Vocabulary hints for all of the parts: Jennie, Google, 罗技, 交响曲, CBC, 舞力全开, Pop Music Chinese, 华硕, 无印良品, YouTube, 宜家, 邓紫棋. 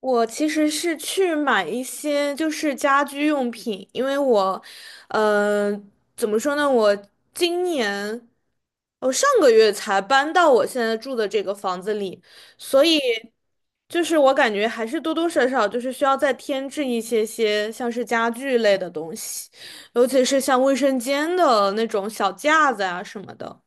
我其实是去买一些就是家居用品，因为我，呃，怎么说呢？我今年，我上个月才搬到我现在住的这个房子里，所以就是我感觉还是多多少少就是需要再添置一些些像是家具类的东西，尤其是像卫生间的那种小架子啊什么的。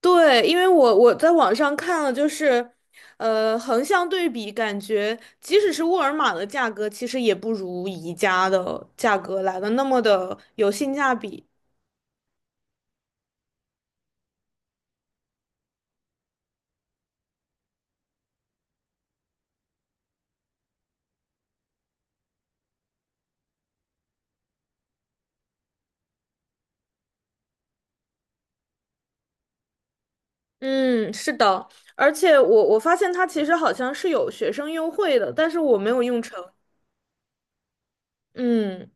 对，因为我在网上看了，就是，横向对比，感觉即使是沃尔玛的价格，其实也不如宜家的价格来的那么的有性价比。嗯，是的，而且我发现它其实好像是有学生优惠的，但是我没有用成。嗯。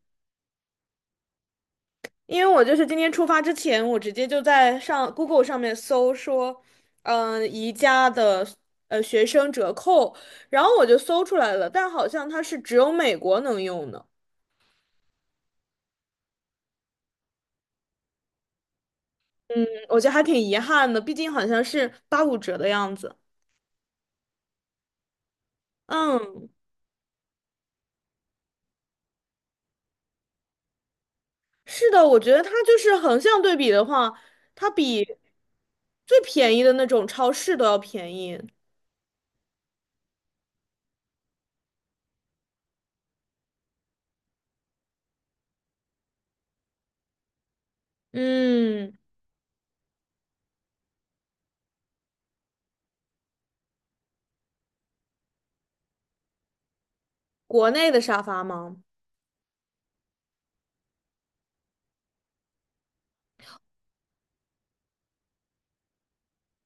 因为我就是今天出发之前，我直接就在上 Google 上面搜说，嗯、宜家的学生折扣，然后我就搜出来了，但好像它是只有美国能用的，嗯，我觉得还挺遗憾的，毕竟好像是85折的样子。嗯，是的，我觉得它就是横向对比的话，它比最便宜的那种超市都要便宜。嗯，国内的沙发吗？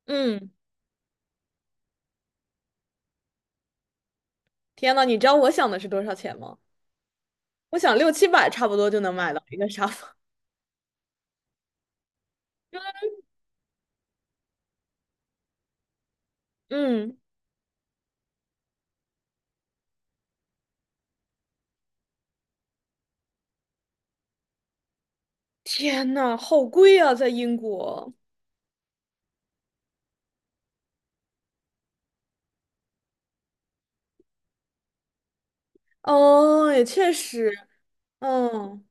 嗯，天呐，你知道我想的是多少钱吗？我想六七百差不多就能买到一个沙发。嗯，天呐，好贵啊，在英国。哦，也确实，嗯。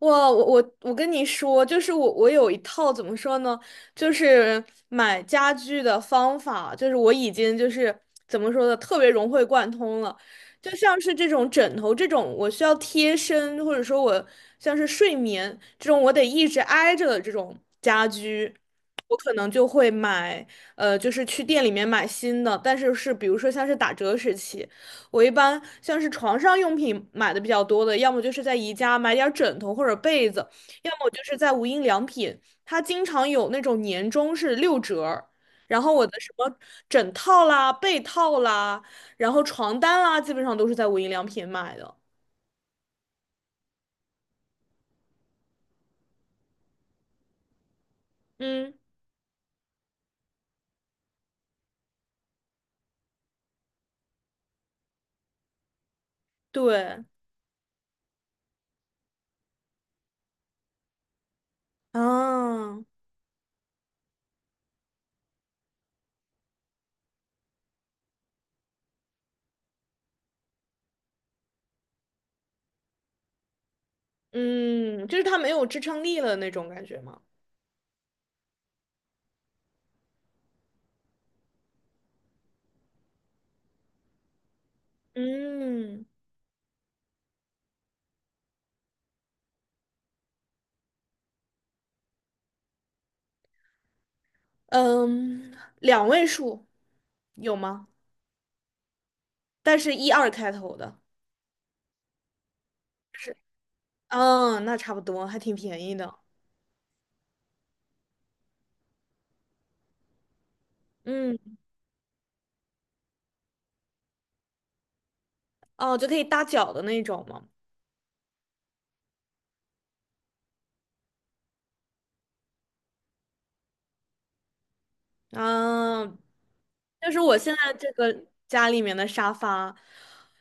哇，我跟你说，就是我有一套怎么说呢，就是买家具的方法，就是我已经就是怎么说呢，特别融会贯通了。就像是这种枕头这种，我需要贴身，或者说我像是睡眠这种，我得一直挨着的这种家居，我可能就会买，就是去店里面买新的，但是是比如说像是打折时期。我一般像是床上用品买的比较多的，要么就是在宜家买点儿枕头或者被子，要么就是在无印良品，它经常有那种年终是六折儿然后我的什么枕套啦、被套啦，然后床单啦，基本上都是在无印良品买的。嗯，对，啊，嗯，就是它没有支撑力了那种感觉嘛。嗯嗯，两位数有吗？但是一二开头的。是。嗯，那差不多，还挺便宜的。嗯，哦，就可以搭脚的那种吗？嗯，就是我现在这个家里面的沙发，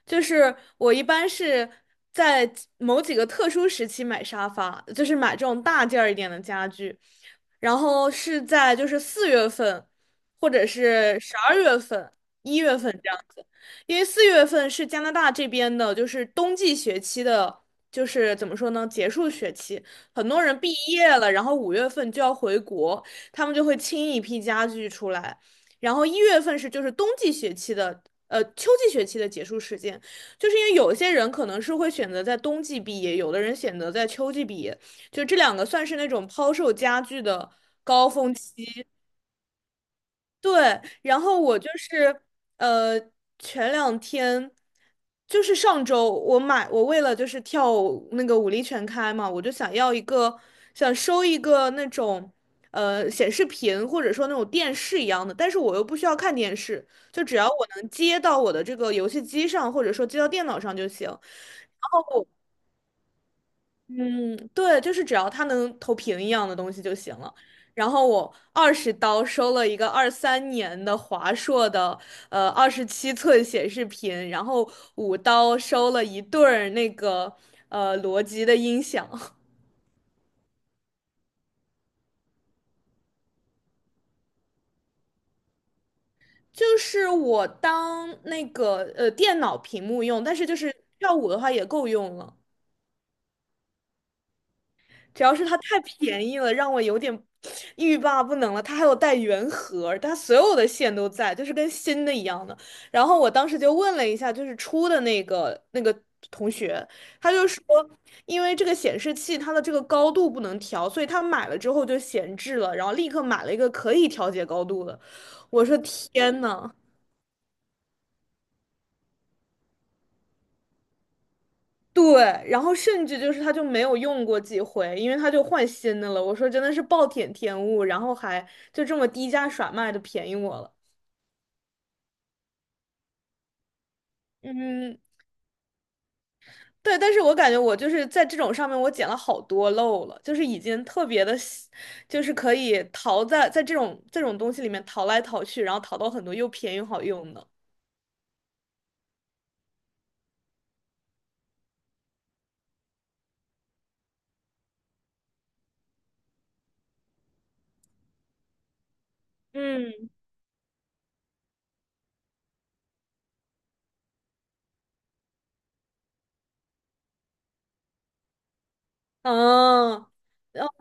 就是我一般是在几某几个特殊时期买沙发，就是买这种大件儿一点的家具，然后是在就是四月份，或者是12月份、一月份这样子，因为四月份是加拿大这边的，就是冬季学期的，就是怎么说呢，结束学期，很多人毕业了，然后5月份就要回国。他们就会清一批家具出来。然后一月份是就是冬季学期的，秋季学期的结束时间，就是因为有些人可能是会选择在冬季毕业，有的人选择在秋季毕业，就这两个算是那种抛售家具的高峰期，对，然后我就是呃，前两天就是上周，我为了就是跳舞那个舞力全开嘛，我就想收一个那种显示屏或者说那种电视一样的，但是我又不需要看电视，就只要我能接到我的这个游戏机上或者说接到电脑上就行。嗯，对，就是只要它能投屏一样的东西就行了。然后我20刀收了一个23年的华硕的27寸显示屏，然后5刀收了一对儿那个罗技的音响，就是我当那个电脑屏幕用，但是就是跳舞的话也够用了。主要是它太便宜了，让我有点欲罢不能了。它还有带原盒，它所有的线都在，就是跟新的一样的。然后我当时就问了一下，就是出的那个同学，他就说，因为这个显示器它的这个高度不能调，所以他买了之后就闲置了，然后立刻买了一个可以调节高度的。我说天呐！对，然后甚至就是他就没有用过几回，因为他就换新的了。我说真的是暴殄天物，然后还就这么低价甩卖的便宜我了。嗯，对，但是我感觉我就是在这种上面我捡了好多漏了，就是已经特别的，就是可以淘在这种东西里面淘来淘去，然后淘到很多又便宜又好用的。嗯，嗯，然后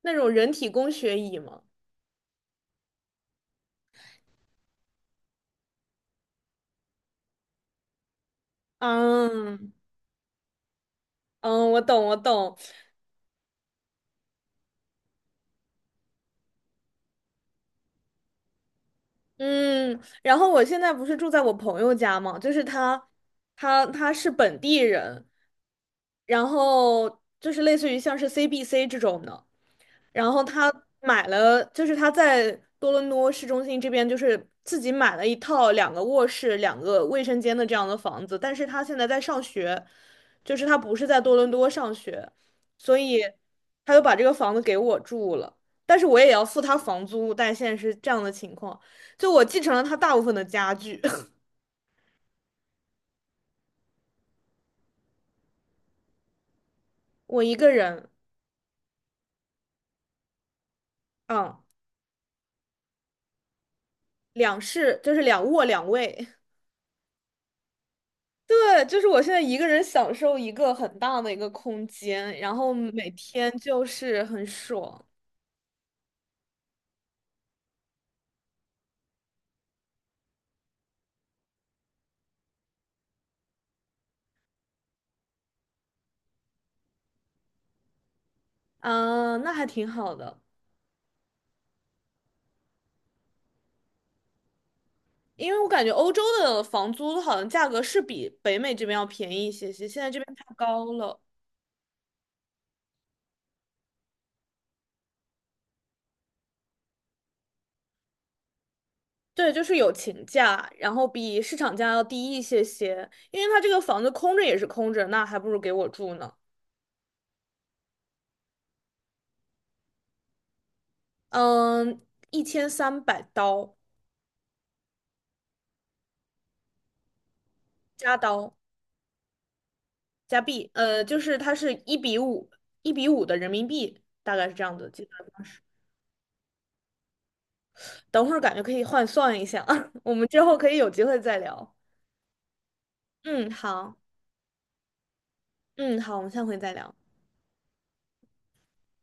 那种人体工学椅嘛。嗯嗯，我懂我懂，嗯，然后我现在不是住在我朋友家嘛，就是他，他是本地人，然后就是类似于像是 CBC 这种的，然后他买了，就是他在多伦多市中心这边，就是自己买了一套两个卧室、两个卫生间的这样的房子。但是他现在在上学，就是他不是在多伦多上学，所以他就把这个房子给我住了。但是我也要付他房租，但现在是这样的情况，就我继承了他大部分的家具，我一个人，嗯，两室就是两卧两卫。对，就是我现在一个人享受一个很大的一个空间，然后每天就是很爽，嗯，那还挺好的。因为我感觉欧洲的房租好像价格是比北美这边要便宜一些些，现在这边太高了。对，就是有情价，然后比市场价要低一些些，因为他这个房子空着也是空着，那还不如给我住呢。嗯，1300刀加刀。加币，就是它是一比五，一比五的人民币，大概是这样的计算方式。等会儿感觉可以换算一下，我们之后可以有机会再聊。嗯，好，嗯，好，我们下回再聊。